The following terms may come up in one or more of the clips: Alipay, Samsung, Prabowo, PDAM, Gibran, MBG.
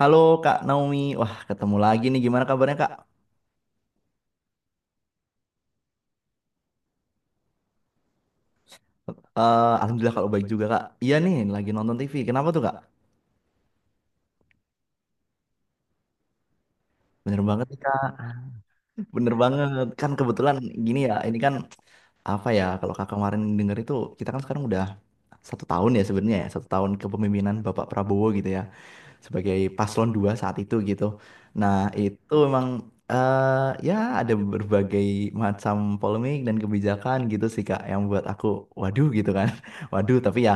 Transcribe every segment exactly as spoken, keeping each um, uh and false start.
Halo Kak Naomi, wah ketemu lagi nih. Gimana kabarnya Kak? Eh, Alhamdulillah kalau baik juga Kak. Iya nih, lagi nonton T V. Kenapa tuh Kak? Bener banget nih Kak. Bener banget. Kan kebetulan gini ya, ini kan apa ya? Kalau Kakak kemarin denger itu, kita kan sekarang udah satu tahun ya sebenarnya ya, satu tahun kepemimpinan Bapak Prabowo gitu ya, sebagai paslon dua saat itu gitu. Nah, itu memang eh ya ada berbagai macam polemik dan kebijakan gitu sih Kak yang buat aku waduh gitu kan. Waduh, tapi ya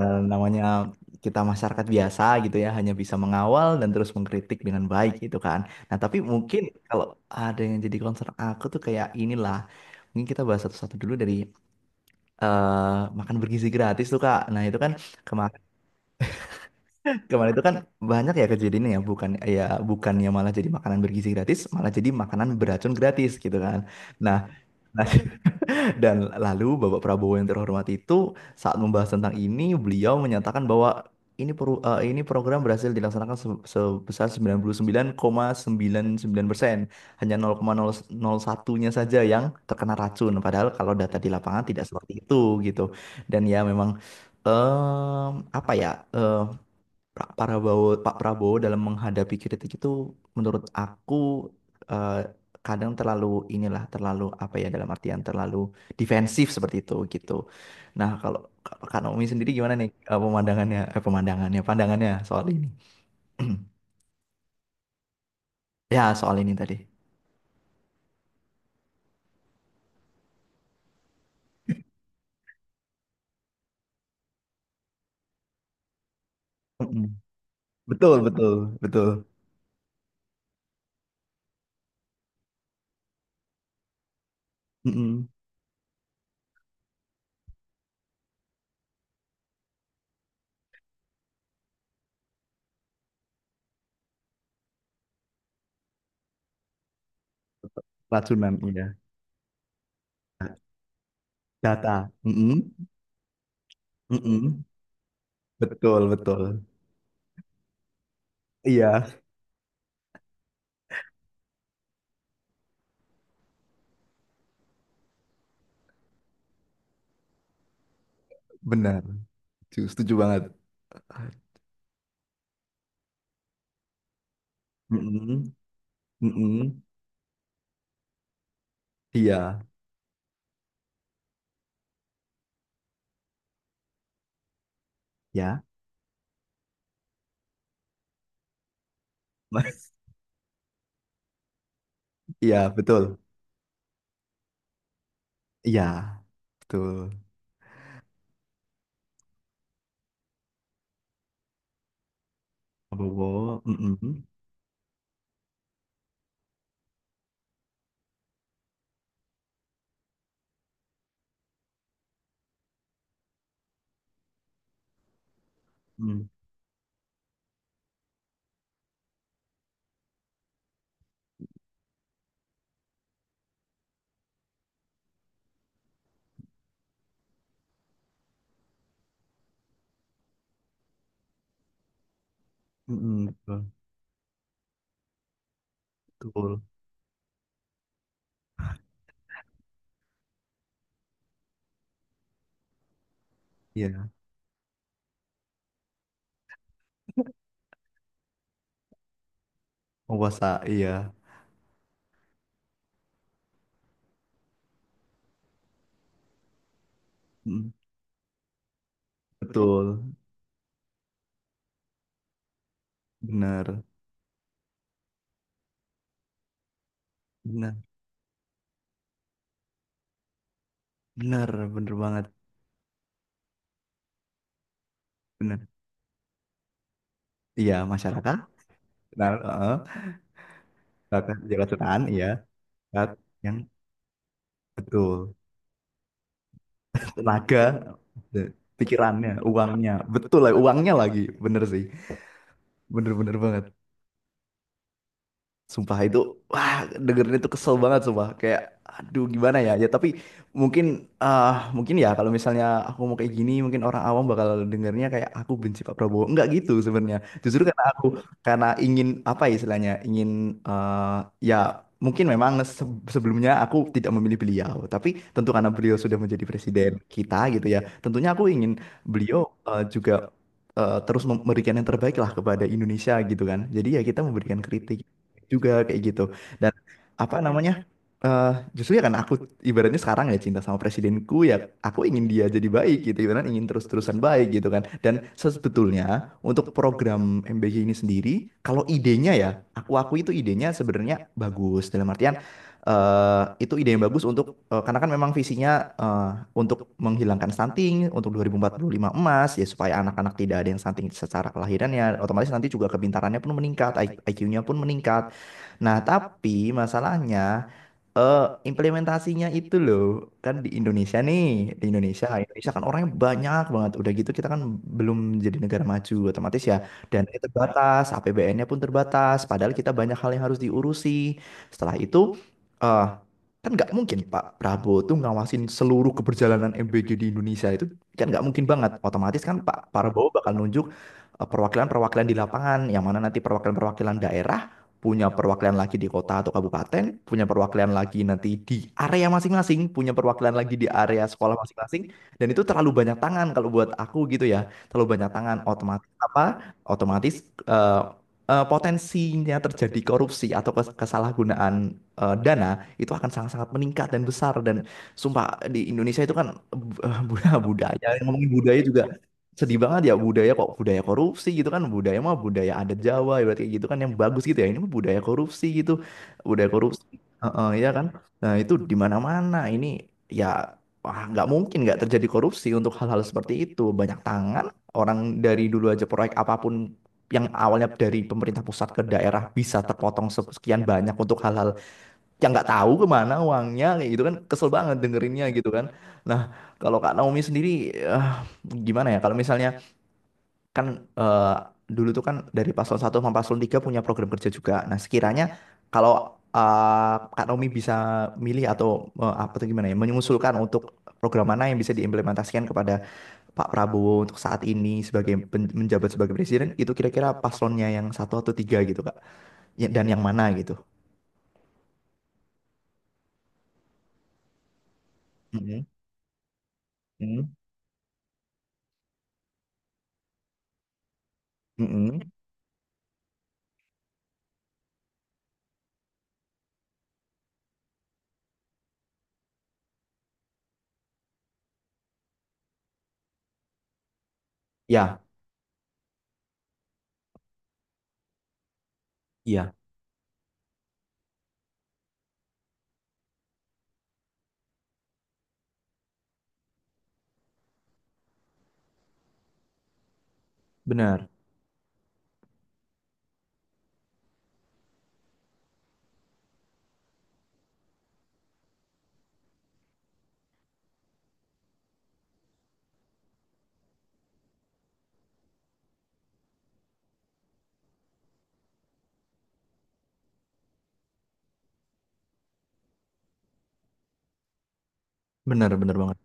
eh, namanya kita masyarakat biasa gitu ya hanya bisa mengawal dan terus mengkritik dengan baik gitu kan. Nah, tapi mungkin kalau ada yang jadi concern aku tuh kayak inilah. Mungkin kita bahas satu-satu dulu dari eh makan bergizi gratis tuh Kak. Nah, itu kan kemarin. Kemarin itu kan banyak ya kejadiannya ya, bukan ya bukannya malah jadi makanan bergizi gratis, malah jadi makanan beracun gratis gitu kan. Nah, nah, dan lalu Bapak Prabowo yang terhormat itu saat membahas tentang ini, beliau menyatakan bahwa ini peru- eh, ini program berhasil dilaksanakan se- sebesar sembilan puluh sembilan koma sembilan sembilan persen. Hanya nol koma nol nol satu-nya saja yang terkena racun. Padahal kalau data di lapangan tidak seperti itu gitu. Dan ya memang em, apa ya? eh, Pra- Prabowo, Pak Prabowo dalam menghadapi kritik itu menurut aku eh, kadang terlalu inilah, terlalu apa ya, dalam artian terlalu defensif seperti itu gitu. Nah, kalau kalau Kak Naomi sendiri gimana nih, eh, pemandangannya eh pemandangannya pandangannya soal ini? Ya, soal ini tadi. Mm-mm. Betul, betul, betul. Mm-mm. Racunan, iya. Data. Mm-mm. Mm-mm. Betul, betul. Iya, benar. Setuju, setuju banget. Mm-mm. Mm-mm. Iya. Ya, mas. Iya betul. Iya, betul. Prabowo, mm-mm, mm, mm-mm, betul, betul. Iya, penguasa, iya, mm, betul, benar, benar, benar, benar banget, benar. Iya, masyarakat, benar, heeh. Masyarakat jabatan, iya, masyarakat yang betul, tenaga, eh, pikirannya, uangnya, betul lah, uangnya lagi, bener sih, bener-bener banget. Sumpah itu, wah dengerin itu kesel banget sumpah. Kayak, aduh gimana ya. Ya tapi mungkin, ah mungkin ya, kalau misalnya aku mau kayak gini, mungkin orang awam bakal dengernya kayak aku benci Pak Prabowo. Enggak gitu sebenarnya. Justru karena aku, karena ingin apa ya istilahnya, ingin eh, ya mungkin memang se- sebelumnya aku tidak memilih beliau. Tapi tentu karena beliau sudah menjadi presiden kita gitu ya. Tentunya aku ingin beliau eh, juga eh, terus memberikan yang terbaik lah kepada Indonesia gitu kan. Jadi ya kita memberikan kritik juga kayak gitu, dan apa namanya, eh justru ya kan aku, ibaratnya sekarang ya cinta sama presidenku, ya aku ingin dia jadi baik gitu, ibaratnya ingin terus-terusan baik gitu kan. Dan sebetulnya untuk program M B G ini sendiri, kalau idenya ya, aku aku itu idenya sebenarnya bagus dalam artian eh itu ide yang bagus untuk, eh, karena kan memang visinya eh, untuk menghilangkan stunting untuk dua ribu empat puluh lima emas ya, supaya anak-anak tidak ada yang stunting. Secara kelahirannya otomatis nanti juga kepintarannya pun meningkat, I Q-nya pun meningkat. Nah, tapi masalahnya eh implementasinya itu loh, kan di Indonesia nih, di Indonesia, Indonesia kan orangnya banyak banget. Udah gitu kita kan belum jadi negara maju otomatis ya. Dan itu terbatas, A P B N-nya pun terbatas. Padahal kita banyak hal yang harus diurusi. Setelah itu, eh kan nggak mungkin Pak Prabowo tuh ngawasin seluruh keberjalanan M B G di Indonesia itu, kan nggak mungkin banget. Otomatis kan Pak Prabowo bakal nunjuk eh, perwakilan-perwakilan di lapangan, yang mana nanti perwakilan-perwakilan daerah punya perwakilan lagi di kota atau kabupaten, punya perwakilan lagi nanti di area masing-masing, punya perwakilan lagi di area sekolah masing-masing, dan itu terlalu banyak tangan kalau buat aku gitu ya, terlalu banyak tangan otomatis apa? Otomatis eh, eh, potensinya terjadi korupsi atau kes- kesalahgunaan eh, dana itu akan sangat-sangat meningkat dan besar. Dan sumpah di Indonesia itu kan, eh, bu- budaya, yang ngomongin budaya juga sedih banget ya, budaya kok budaya korupsi gitu kan. Budaya mah budaya adat Jawa ya berarti gitu kan yang bagus gitu ya, ini mah budaya korupsi gitu, budaya korupsi. Heeh, ya kan, nah itu di mana-mana ini ya. Wah, nggak mungkin nggak terjadi korupsi untuk hal-hal seperti itu, banyak tangan orang. Dari dulu aja proyek apapun yang awalnya dari pemerintah pusat ke daerah bisa terpotong sekian banyak untuk hal-hal yang nggak tahu kemana uangnya, kayak gitu kan kesel banget dengerinnya gitu kan. Nah, kalau Kak Naomi sendiri eh, gimana ya kalau misalnya kan, eh, dulu tuh kan dari paslon satu sama paslon tiga punya program kerja juga. Nah, sekiranya kalau eh, Kak Naomi bisa milih atau eh, apa tuh gimana ya, mengusulkan untuk program mana yang bisa diimplementasikan kepada Pak Prabowo untuk saat ini sebagai pen- menjabat sebagai presiden, itu kira-kira paslonnya yang satu atau tiga gitu, Kak. Ya, dan yang mana gitu. Mm-mm, mm-mm, mm-mm. Ya, iya, benar. Benar, benar banget.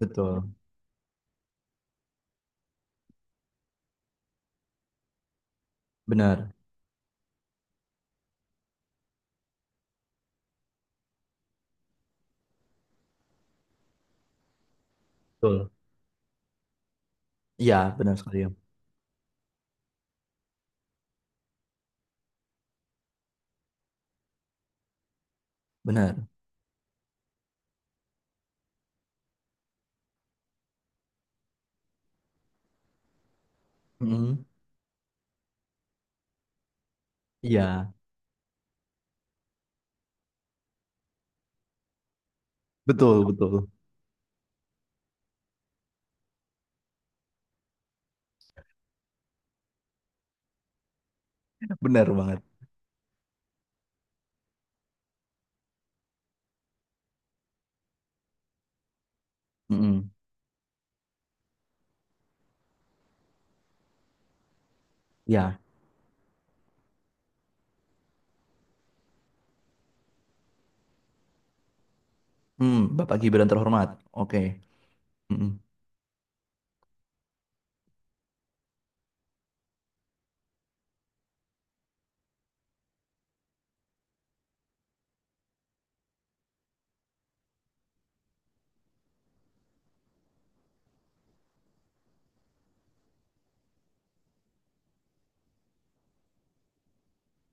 Betul. Benar. Betul. Iya, benar sekali, ya. Benar. Mm-mm. Iya. Betul, betul. Benar banget. Mm-mm. Ya. Mm, Bapak Gibran terhormat. Oke. Mm-mm.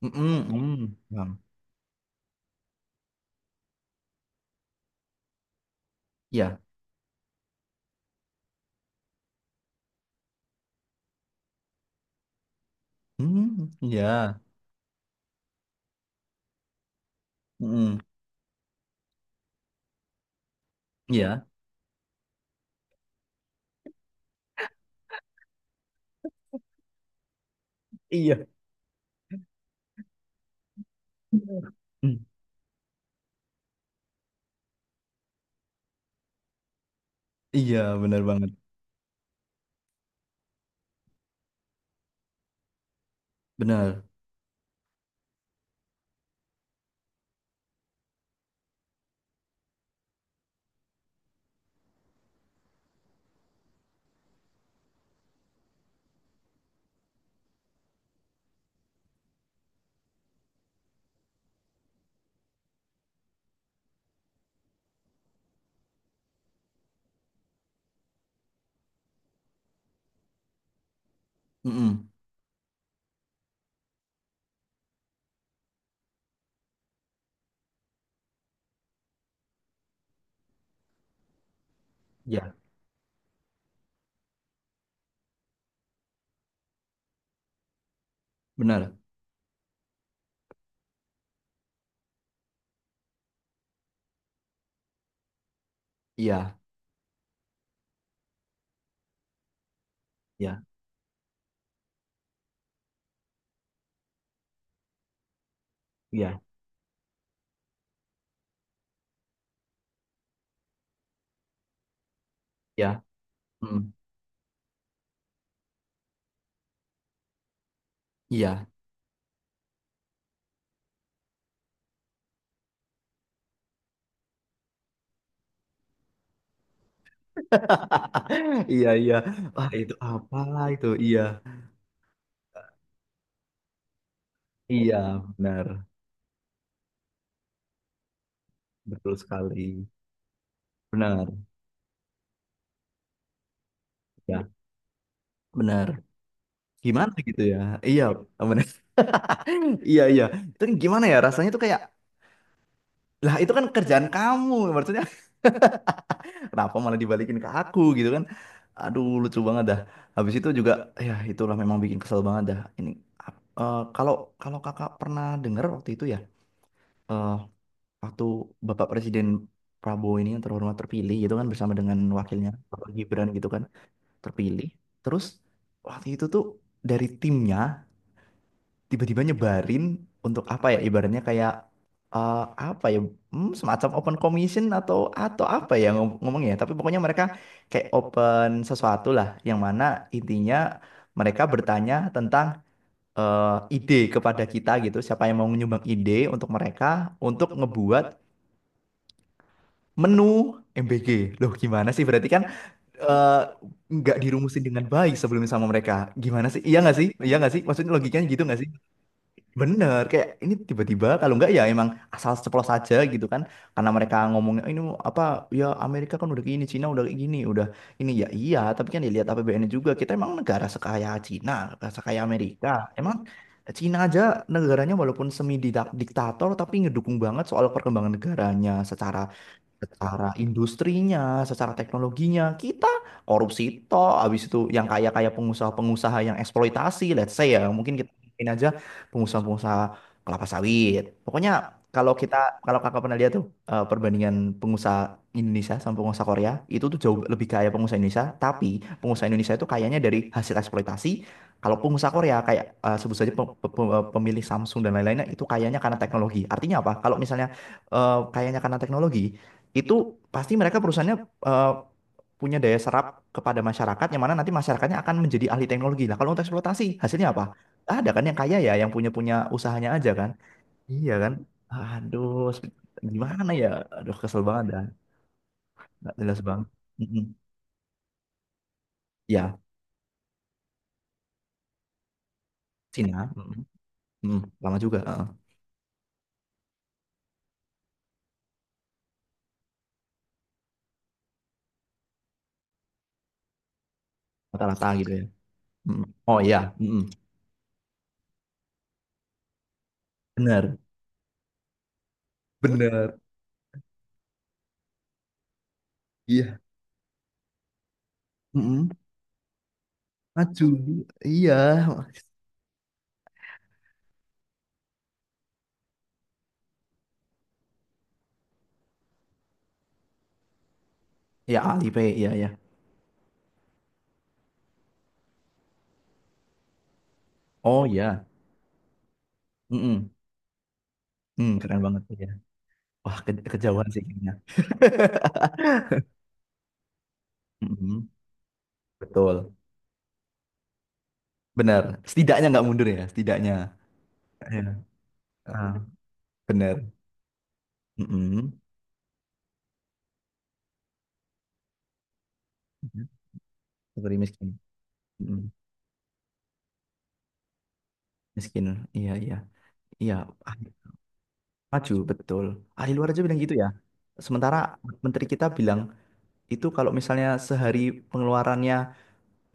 Mm-mm, mm. Paham. Ya. Mm, ya. Mm-mm. Ya. Iya. Mm. Iya, benar banget. Benar. Mm-mm. Ya, benar. Iya, ya, iya, ya. Mm-mm. Iya. Iya, iya. Wah, itu apalah itu? Iya. Iya, benar. Betul sekali. Benar, ya. Benar. Gimana gitu ya? Iya, benar. Iya, iya. Itu kan gimana ya rasanya tuh, kayak lah itu kan kerjaan kamu maksudnya, kenapa malah dibalikin ke aku gitu kan. Aduh lucu banget dah. Habis itu juga ya, itulah memang bikin kesel banget dah. Ini ap- eh, kalau kalau kakak pernah dengar waktu itu ya, eh, waktu Bapak Presiden Prabowo ini yang terhormat terpilih gitu kan, bersama dengan wakilnya Bapak Gibran gitu kan, terpilih. Terus waktu itu tuh dari timnya tiba-tiba nyebarin untuk apa ya, ibaratnya kayak, eh, apa ya, hmm, semacam open commission atau atau apa ya ngom- ngomongnya, tapi pokoknya mereka kayak open sesuatu lah, yang mana intinya mereka bertanya tentang eh, ide kepada kita gitu, siapa yang mau menyumbang ide untuk mereka untuk ngebuat menu M B G. Loh gimana sih berarti kan, eh, nggak dirumusin dengan baik sebelumnya sama mereka? Gimana sih, iya nggak sih, iya nggak sih, maksudnya logikanya gitu nggak sih? Bener, kayak ini tiba-tiba, kalau enggak ya emang asal ceplos aja gitu kan. Karena mereka ngomongnya ini apa ya, Amerika kan udah kayak gini, Cina udah kayak gini, udah ini ya iya, tapi kan dilihat A P B N-nya juga. Kita emang negara sekaya Cina, negara sekaya Amerika? Emang Cina aja negaranya walaupun semi didak- diktator tapi ngedukung banget soal perkembangan negaranya, secara secara industrinya, secara teknologinya, kita korupsi toh. Habis itu yang kaya-kaya pengusaha-pengusaha yang eksploitasi, let's say ya, mungkin kita ngomongin aja pengusaha-pengusaha kelapa sawit. Pokoknya kalau kita, kalau kakak pernah lihat tuh eh, perbandingan pengusaha Indonesia sama pengusaha Korea, itu tuh jauh lebih kaya pengusaha Indonesia, tapi pengusaha Indonesia itu kayanya dari hasil eksploitasi, kalau pengusaha Korea kayak, eh, sebut saja pe- pe- pe- pemilik Samsung dan lain-lainnya itu kayaknya karena teknologi. Artinya apa? Kalau misalnya eh, kayaknya karena teknologi, itu pasti mereka perusahaannya eh, punya daya serap kepada masyarakat, yang mana nanti masyarakatnya akan menjadi ahli teknologi lah. Kalau untuk eksploitasi hasilnya apa? Nggak ada kan yang kaya ya, yang punya punya usahanya aja kan? Iya kan? Aduh, sep- gimana ya? Aduh, kesel banget dah, nggak jelas banget. Mm-mm. Ya, Cina, mm-mm. Mm, lama juga, heeh. Rata-rata gitu ya. Mm. Oh iya, mm-mm. Bener, bener, iya, mm-mm. Maju, iya, ya Alipay, iya ya. Oh iya, mm-mm. Mm, keren banget. Wah, ke- kejauhan sih kayaknya. Mm-mm, betul. Benar. Setidaknya nggak mundur ya, setidaknya. Iya. Ah, benar. Mm-mm. Seperti miskin. Mm-mm. Miskin. Iya, iya. Iya. ahli Maju, betul. Ahli luar aja bilang gitu ya. Sementara menteri kita bilang itu kalau misalnya sehari pengeluarannya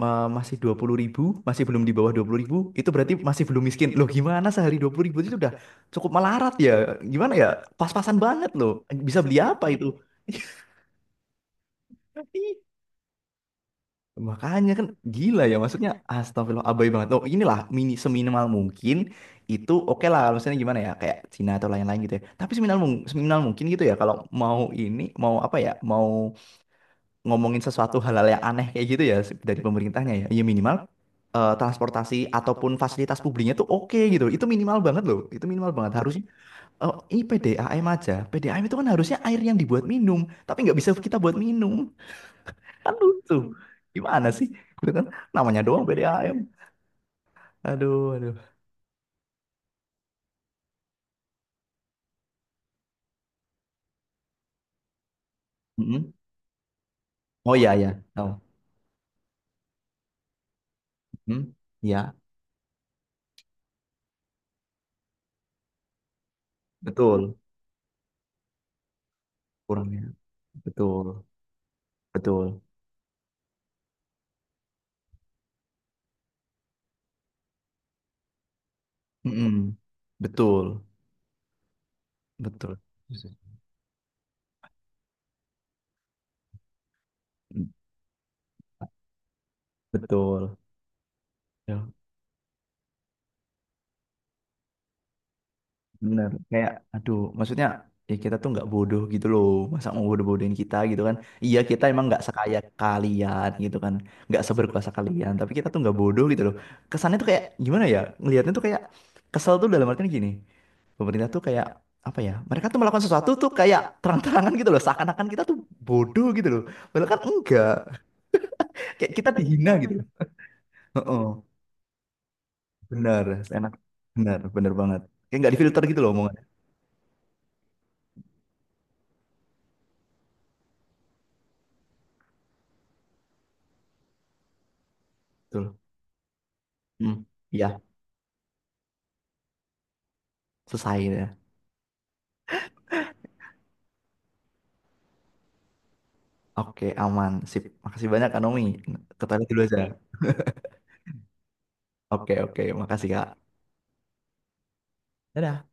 eh, masih dua puluh ribu ribu, masih belum di bawah dua puluh ribu ribu, itu berarti masih belum miskin. Loh gimana sehari dua puluh ribu ribu itu udah cukup melarat ya? Gimana ya? Pas-pasan banget loh. Bisa beli apa itu? Ih, makanya kan gila ya, maksudnya astagfirullah abai banget. Oh inilah, mini seminimal mungkin itu oke lah, maksudnya gimana ya kayak Cina atau lain-lain gitu ya. Tapi seminimal mung- seminimal mungkin gitu ya, kalau mau ini mau apa ya mau ngomongin sesuatu, hal-hal yang aneh kayak gitu ya, se- dari pemerintahnya ya. Ya minimal eh, transportasi ataupun fasilitas publiknya tuh oke gitu. Itu minimal banget loh. Itu minimal banget. Harusnya eh, ini P D A M aja. P D A M itu kan harusnya air yang dibuat minum, tapi nggak bisa kita buat minum. Kan lucu. Gimana sih? Gitu kan namanya doang P D A M. Aduh, aduh. Mm-mm. Oh iya ya. Tahu. Mm. Iya, betul. Kurangnya. Betul. Betul. Mm-mm. Betul. Betul. Betul. Ya, bener. Kayak, aduh, maksudnya ya kita tuh nggak bodoh gitu loh. Masa mau bodoh-bodohin kita gitu kan? Iya, kita emang nggak sekaya kalian gitu kan, nggak seberkuasa kalian. Tapi kita tuh nggak bodoh gitu loh. Kesannya tuh kayak gimana ya? Ngelihatnya tuh kayak kesel tuh dalam artian gini. Pemerintah tuh kayak apa ya? Mereka tuh melakukan sesuatu tuh kayak terang-terangan gitu loh. Seakan-akan kita tuh bodoh gitu loh. Padahal kan enggak. Kayak kita dihina gitu. Heeh. Bener, enak. Bener, bener banget. Kayak nggak difilter gitu loh omongannya. Betul. Hmm. Iya, selesai. Oke, aman. Sip. Makasih banyak, Kak Nomi. Ke toilet dulu aja. Oke, oke. Makasih, Kak. Dadah.